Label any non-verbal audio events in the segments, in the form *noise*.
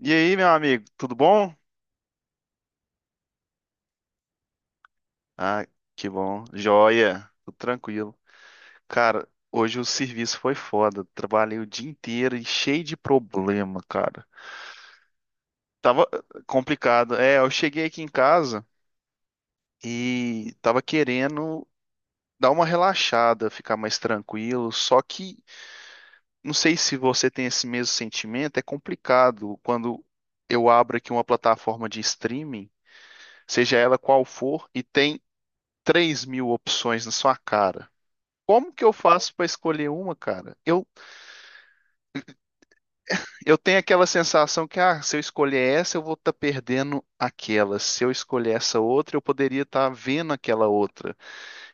E aí, meu amigo, tudo bom? Ah, que bom. Joia, tudo tranquilo. Cara, hoje o serviço foi foda. Trabalhei o dia inteiro e cheio de problema, cara. Tava complicado. É, eu cheguei aqui em casa e tava querendo dar uma relaxada, ficar mais tranquilo. Só que não sei se você tem esse mesmo sentimento, é complicado quando eu abro aqui uma plataforma de streaming, seja ela qual for, e tem 3.000 opções na sua cara. Como que eu faço para escolher uma, cara? Eu tenho aquela sensação que, ah, se eu escolher essa, eu vou estar perdendo aquela. Se eu escolher essa outra, eu poderia estar vendo aquela outra.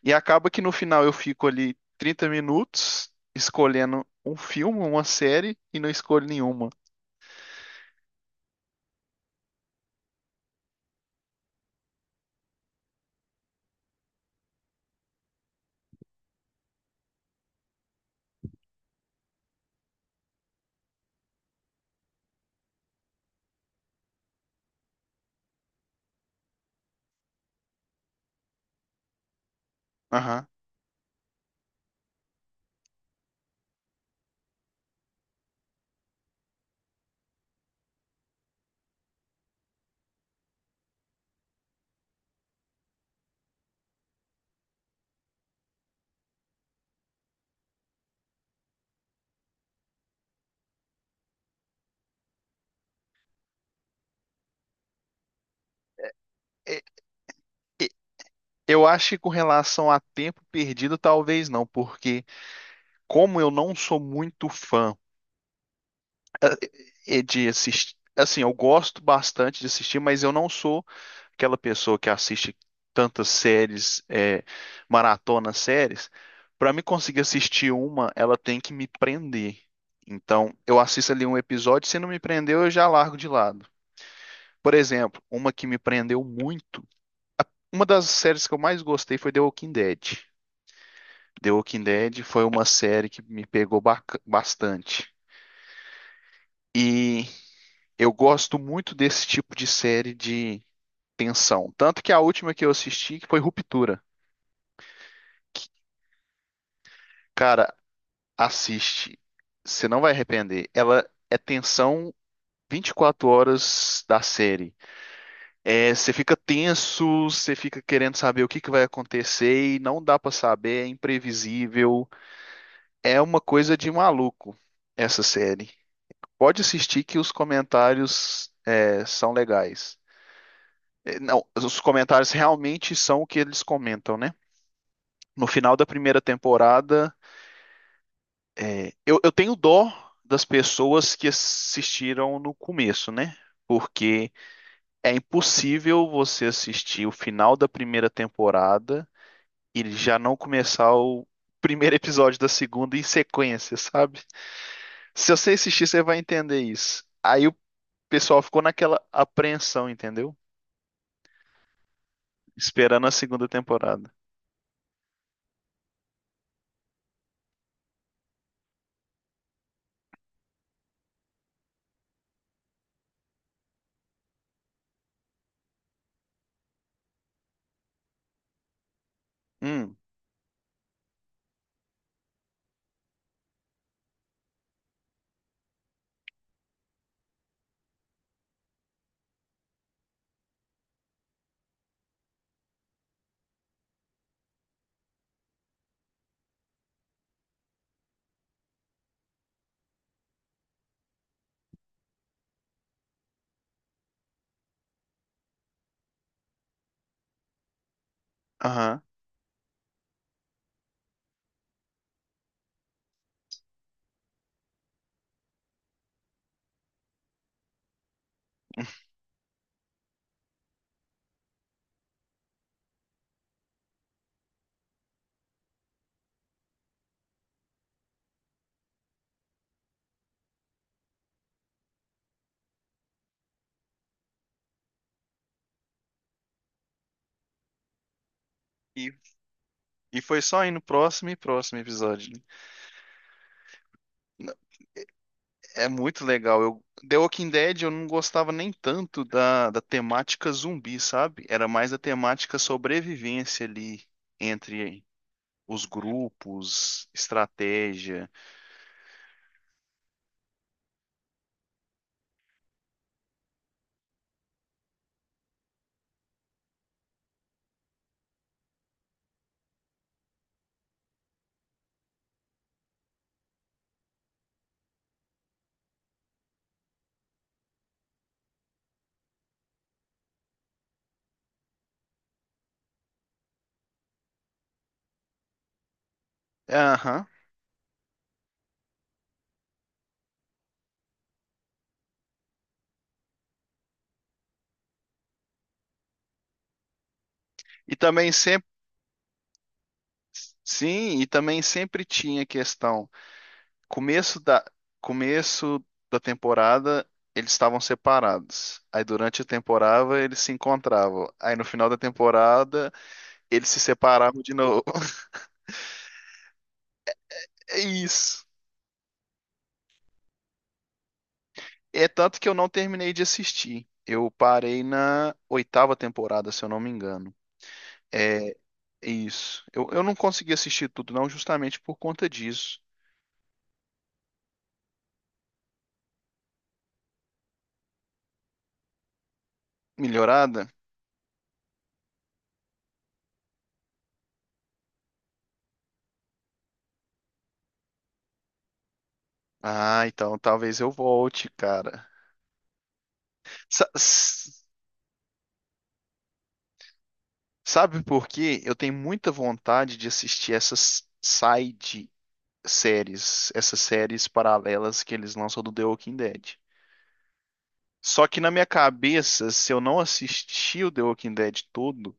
E acaba que no final eu fico ali 30 minutos escolhendo um filme, uma série e não escolho nenhuma. Aham. E- Eu acho que com relação a tempo perdido, talvez não, porque como eu não sou muito fã eh, de assistir, assim, eu gosto bastante de assistir, mas eu não sou aquela pessoa que assiste tantas séries, é, maratona séries, para me conseguir assistir uma, ela tem que me prender. Então, eu assisto ali um episódio, se não me prendeu, eu já largo de lado. Por exemplo, uma que me prendeu muito, uma das séries que eu mais gostei foi The Walking Dead. The Walking Dead foi uma série que me pegou bastante. E eu gosto muito desse tipo de série de tensão. Tanto que a última que eu assisti que foi Ruptura. Que, cara, Assiste. Você não vai arrepender. Ela é tensão 24 horas da série. É, você fica tenso, você fica querendo saber o que que vai acontecer e não dá pra saber, é imprevisível. É uma coisa de maluco essa série. Pode assistir que os comentários é, são legais. É, Não, os comentários realmente são o que eles comentam, né? No final da primeira temporada, É, eu tenho dó das pessoas que assistiram no começo, né? Porque é impossível você assistir o final da primeira temporada e já não começar o primeiro *laughs* episódio da segunda em sequência, sabe? Se você assistir, você vai entender isso. Aí o pessoal ficou naquela apreensão, entendeu? Esperando a segunda temporada. Hum, aham. *laughs* E, e foi só aí no próximo e próximo episódio, né? É muito legal. Eu, The Walking Dead eu não gostava nem tanto da, da temática zumbi, sabe? Era mais a temática sobrevivência ali entre os grupos, estratégia. Aham. E também sempre, sim, e também sempre tinha questão. Começo da, começo da temporada eles estavam separados. Aí durante a temporada eles se encontravam. Aí no final da temporada eles se separavam de novo. *laughs* É isso. É tanto que eu não terminei de assistir. Eu parei na oitava temporada, se eu não me engano. É isso. Eu não consegui assistir tudo, não, justamente por conta disso. Melhorada? Ah, então talvez eu volte, cara. Sa- s- sabe por quê? Eu tenho muita vontade de assistir essas side séries, essas séries paralelas que eles lançam do The Walking Dead. Só que na minha cabeça, se eu não assistir o The Walking Dead todo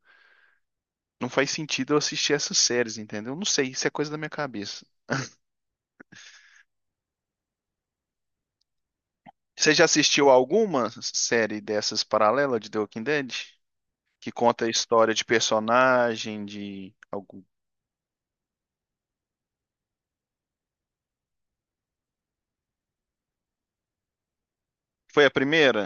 Não faz sentido eu assistir essas séries, entendeu? Não sei, isso é coisa da minha cabeça. Você já assistiu alguma série dessas paralela de The Walking Dead? Que conta a história de personagem, de algum. Foi a primeira?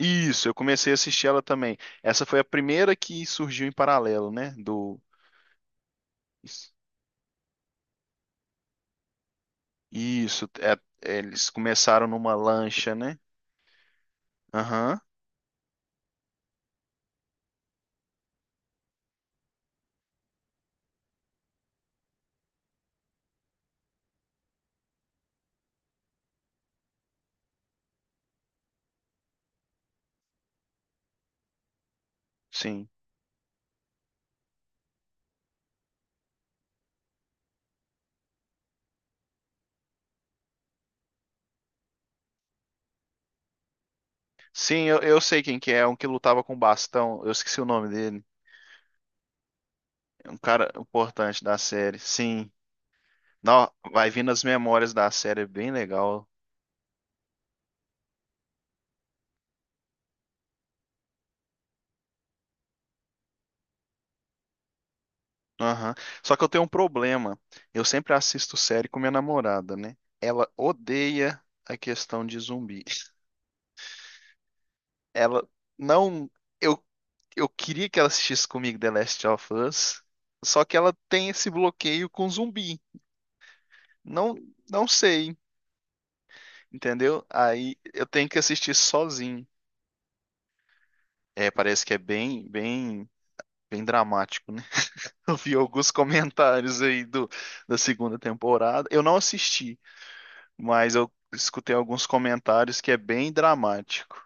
Isso, eu comecei a assistir ela também. Essa foi a primeira que surgiu em paralelo, né? Do. Isso, é- eles começaram numa lancha, né? Aham, sim. Sim, eu sei quem que é, um que lutava com bastão. Eu esqueci o nome dele. É um cara importante da série. Sim. Não, vai vindo as memórias da série, é bem legal. Aham. Só que eu tenho um problema. Eu sempre assisto série com minha namorada, né? Ela odeia a questão de zumbi. Ela não. Eu, eu queria que ela assistisse comigo The Last of Us, só que ela tem esse bloqueio com zumbi. Não, não sei, entendeu? Aí eu tenho que assistir sozinho. É, parece que é bem, bem, bem dramático, né? *laughs* Eu vi alguns comentários aí do, da segunda temporada. Eu não assisti, mas eu escutei alguns comentários que é bem dramático.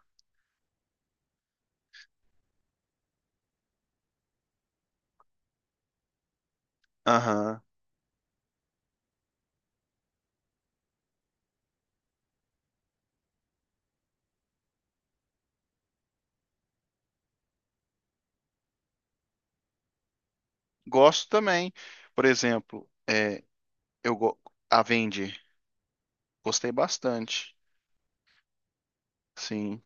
Aham. Gosto também. Por exemplo, é, eu go Avenger. Gostei bastante. Sim.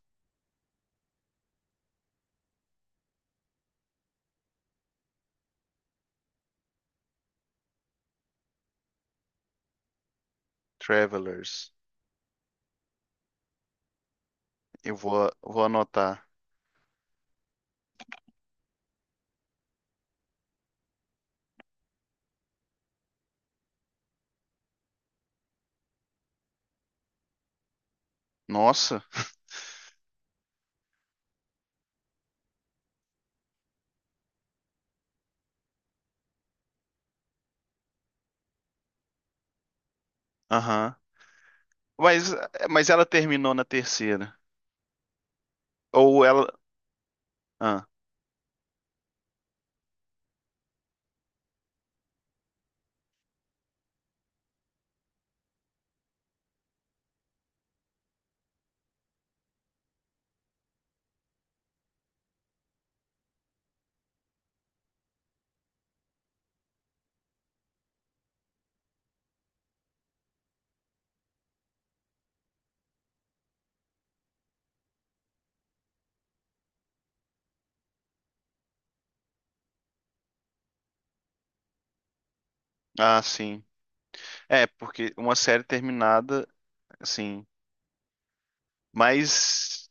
Travelers. Vou anotar. Nossa. Aham. Mas, mas ela terminou na terceira. Ou ela. Ah, ah, sim. É, porque uma série terminada, assim. Mas.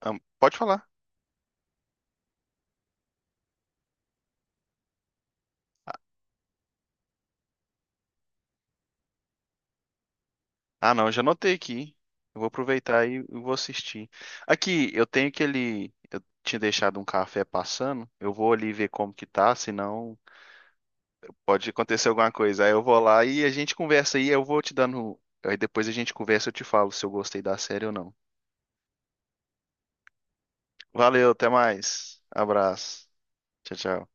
Ah, pode falar. Ah, não, eu já anotei aqui. Eu vou aproveitar e vou assistir. Aqui, eu tenho aquele. Eu tinha deixado um café passando. Eu vou ali ver como que tá, senão pode acontecer alguma coisa. Aí eu vou lá e a gente conversa aí. Eu vou te dando. Aí depois a gente conversa e eu te falo se eu gostei da série ou não. Valeu, até mais. Abraço. Tchau, tchau.